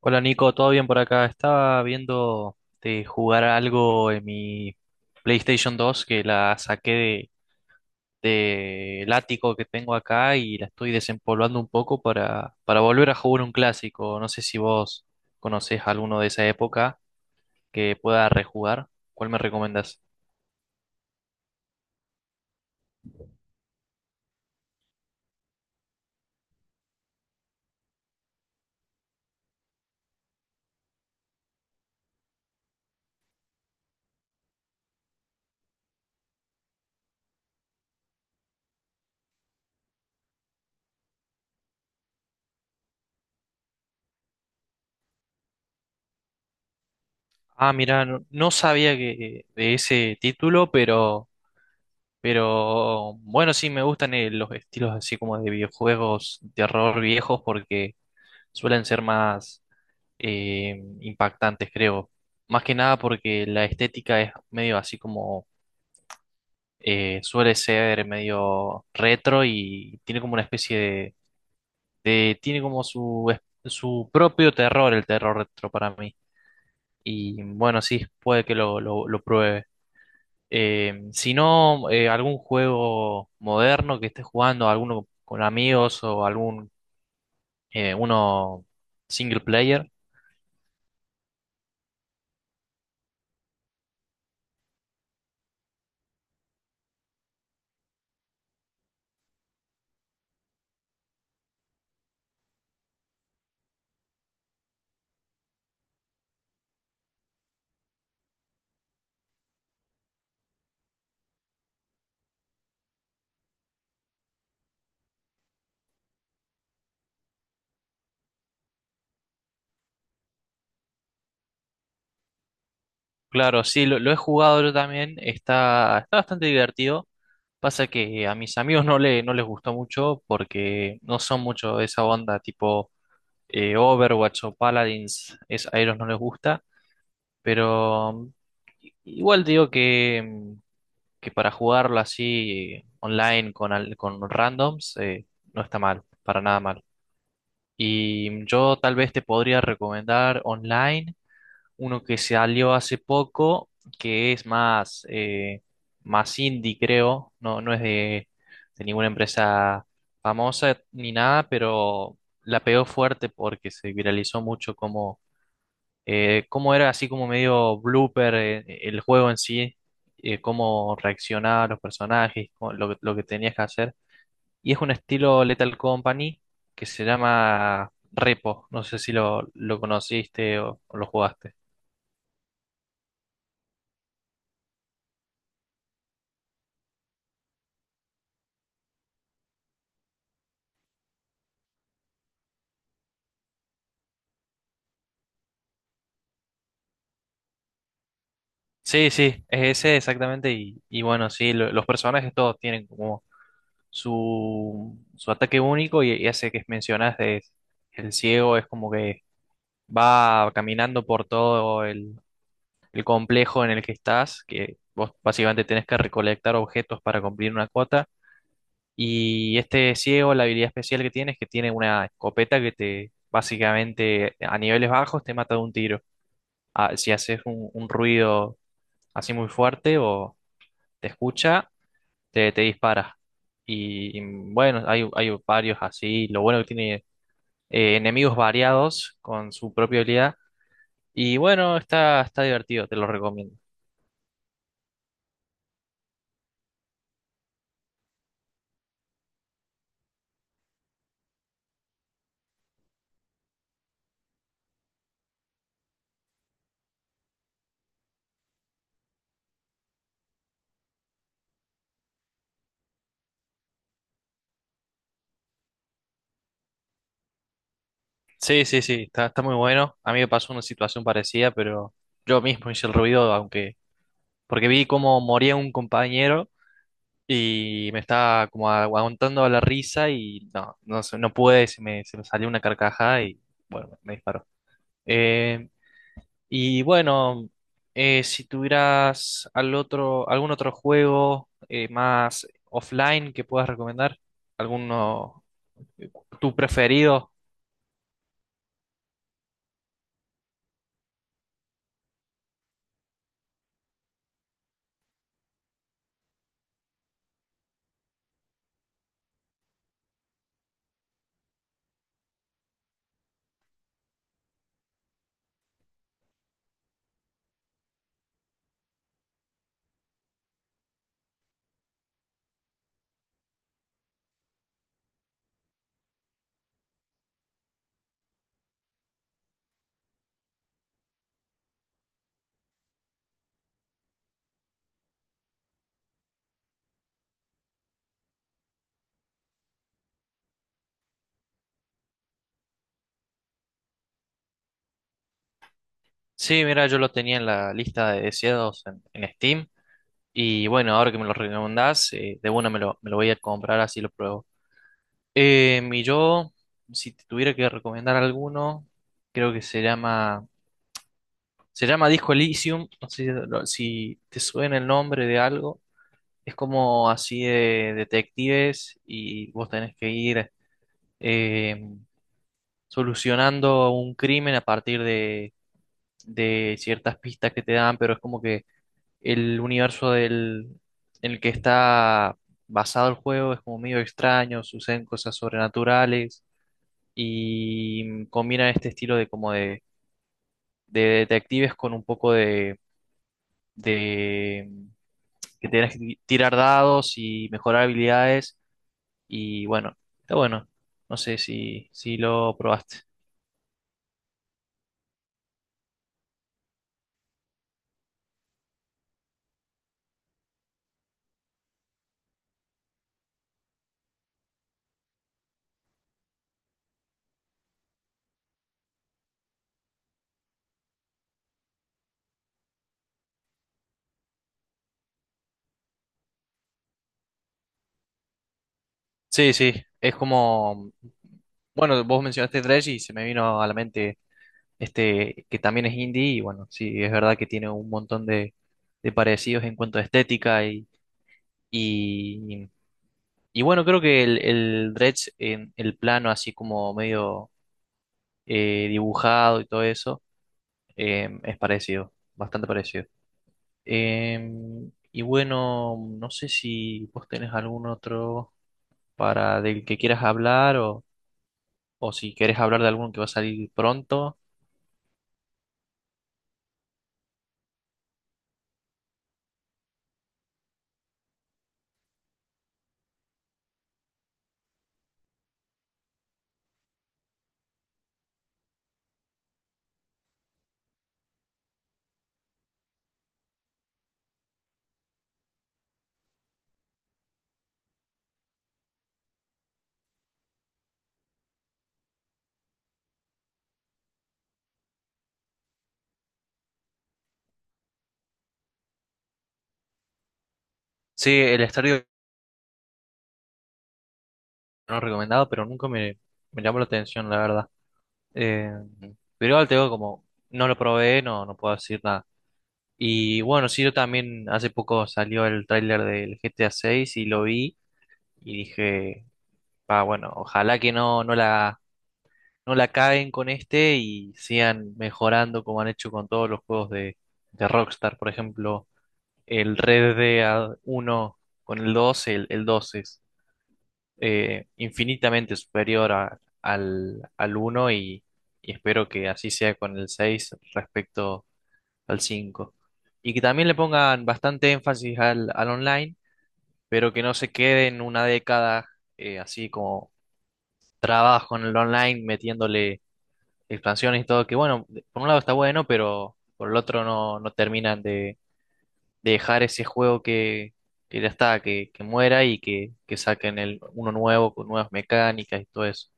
Hola Nico, ¿todo bien por acá? Estaba viendo de jugar algo en mi PlayStation 2 que la saqué del ático que tengo acá y la estoy desempolvando un poco para, volver a jugar un clásico. No sé si vos conocés alguno de esa época que pueda rejugar. ¿Cuál me recomendás? Ah, mira, no, no sabía que, de ese título, pero bueno, sí me gustan los estilos así como de videojuegos de terror viejos porque suelen ser más impactantes, creo. Más que nada porque la estética es medio así como suele ser medio retro y tiene como una especie de, tiene como su propio terror, el terror retro para mí. Y bueno, sí, puede que lo pruebe. Si no, algún juego moderno que esté jugando, alguno con amigos o algún uno single player. Claro, sí, lo he jugado yo también, está bastante divertido. Pasa que a mis amigos no les gustó mucho porque no son mucho de esa onda tipo Overwatch o Paladins, es, a ellos no les gusta, pero igual digo que para jugarlo así online con randoms no está mal, para nada mal. Y yo tal vez te podría recomendar online uno que salió hace poco, que es más indie, creo, no es de ninguna empresa famosa ni nada, pero la pegó fuerte porque se viralizó mucho como, cómo era así como medio blooper el juego en sí, cómo reaccionaban los personajes, lo que tenías que hacer. Y es un estilo Lethal Company que se llama Repo, no sé si lo conociste o lo jugaste. Sí, sí, es ese exactamente. Y bueno, sí, los personajes todos tienen como su ataque único y ese que mencionás de el ciego es como que va caminando por todo el complejo en el que estás, que vos básicamente tenés que recolectar objetos para cumplir una cuota. Y este ciego, la habilidad especial que tiene es que tiene una escopeta que te básicamente a niveles bajos te mata de un tiro. Ah, si haces un ruido así muy fuerte o te escucha te dispara. Y bueno, hay varios así. Lo bueno que tiene enemigos variados con su propia habilidad. Y bueno, está divertido, te lo recomiendo. Sí, sí, sí, está muy bueno. A mí me pasó una situación parecida, pero yo mismo hice el ruido, aunque. Porque vi cómo moría un compañero y me estaba como aguantando la risa y no sé, no pude, se me salió una carcajada y bueno, me disparó. Eh, Y bueno, si tuvieras al otro, algún otro juego más offline que puedas recomendar, alguno eh, tu preferido. Sí, mira, yo lo tenía en la lista de deseados en Steam. Y bueno, ahora que me lo recomendás, de una me lo voy a comprar, así lo pruebo. Y yo, si te tuviera que recomendar alguno, creo que se llama Disco Elysium. No sé si te suena el nombre de algo. Es como así de detectives y vos tenés que ir eh, solucionando un crimen a partir de ciertas pistas que te dan, pero es como que el universo en el que está basado el juego es como medio extraño, suceden cosas sobrenaturales y combina este estilo de como de detectives con un poco de que tenés que tirar dados y mejorar habilidades. Y bueno, está bueno. No sé si lo probaste. Sí, sí, es como. Bueno, vos mencionaste Dredge y se me vino a la mente este que también es indie y bueno, sí, es verdad que tiene un montón de parecidos en cuanto a estética y, y bueno, creo que el Dredge en el plano así como medio dibujado y todo eso es parecido, bastante parecido. Y bueno, no sé si vos tenés algún otro para del que quieras hablar o si querés hablar de alguno que va a salir pronto. Sí, el estadio no recomendado, pero nunca me llamó la atención, la verdad. Em, pero igual te digo, como no lo probé, no puedo decir nada. Y bueno, sí, yo también hace poco salió el tráiler del GTA 6 y lo vi y dije, ah, bueno, ojalá que no la caguen con este y sigan mejorando como han hecho con todos los juegos de Rockstar. Por ejemplo, el Red Dead 1 con el 2 el 2 es infinitamente superior al uno y espero que así sea con el 6 respecto al cinco. Y que también le pongan bastante énfasis al online, pero que no se quede en una década así como trabajo en el online metiéndole expansiones y todo, que bueno, por un lado está bueno, pero por el otro no terminan de dejar ese juego que ya está, que muera y que saquen uno nuevo con nuevas mecánicas y todo eso.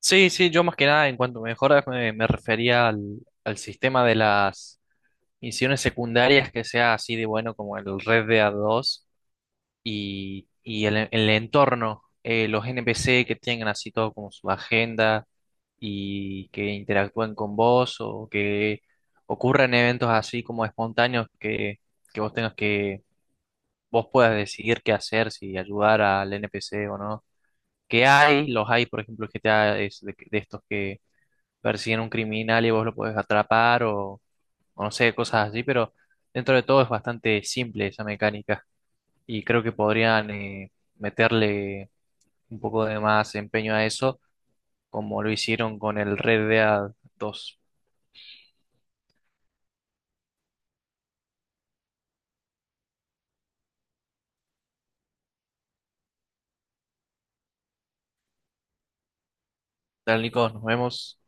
Sí, sí, yo más que nada en cuanto a mejoras me refería al sistema de las misiones secundarias que sea así de bueno como el Red Dead 2 y el entorno, los NPC que tengan así todo como su agenda y que interactúen con vos o que ocurran eventos así como espontáneos que vos tengas vos puedas decidir qué hacer, si ayudar al NPC o no. Que hay, los hay, por ejemplo, el GTA es de estos que persiguen un criminal y vos lo podés atrapar o no sé, cosas así, pero dentro de todo es bastante simple esa mecánica y creo que podrían meterle un poco de más empeño a eso, como lo hicieron con el Red Dead 2. Tal, Nico, nos vemos.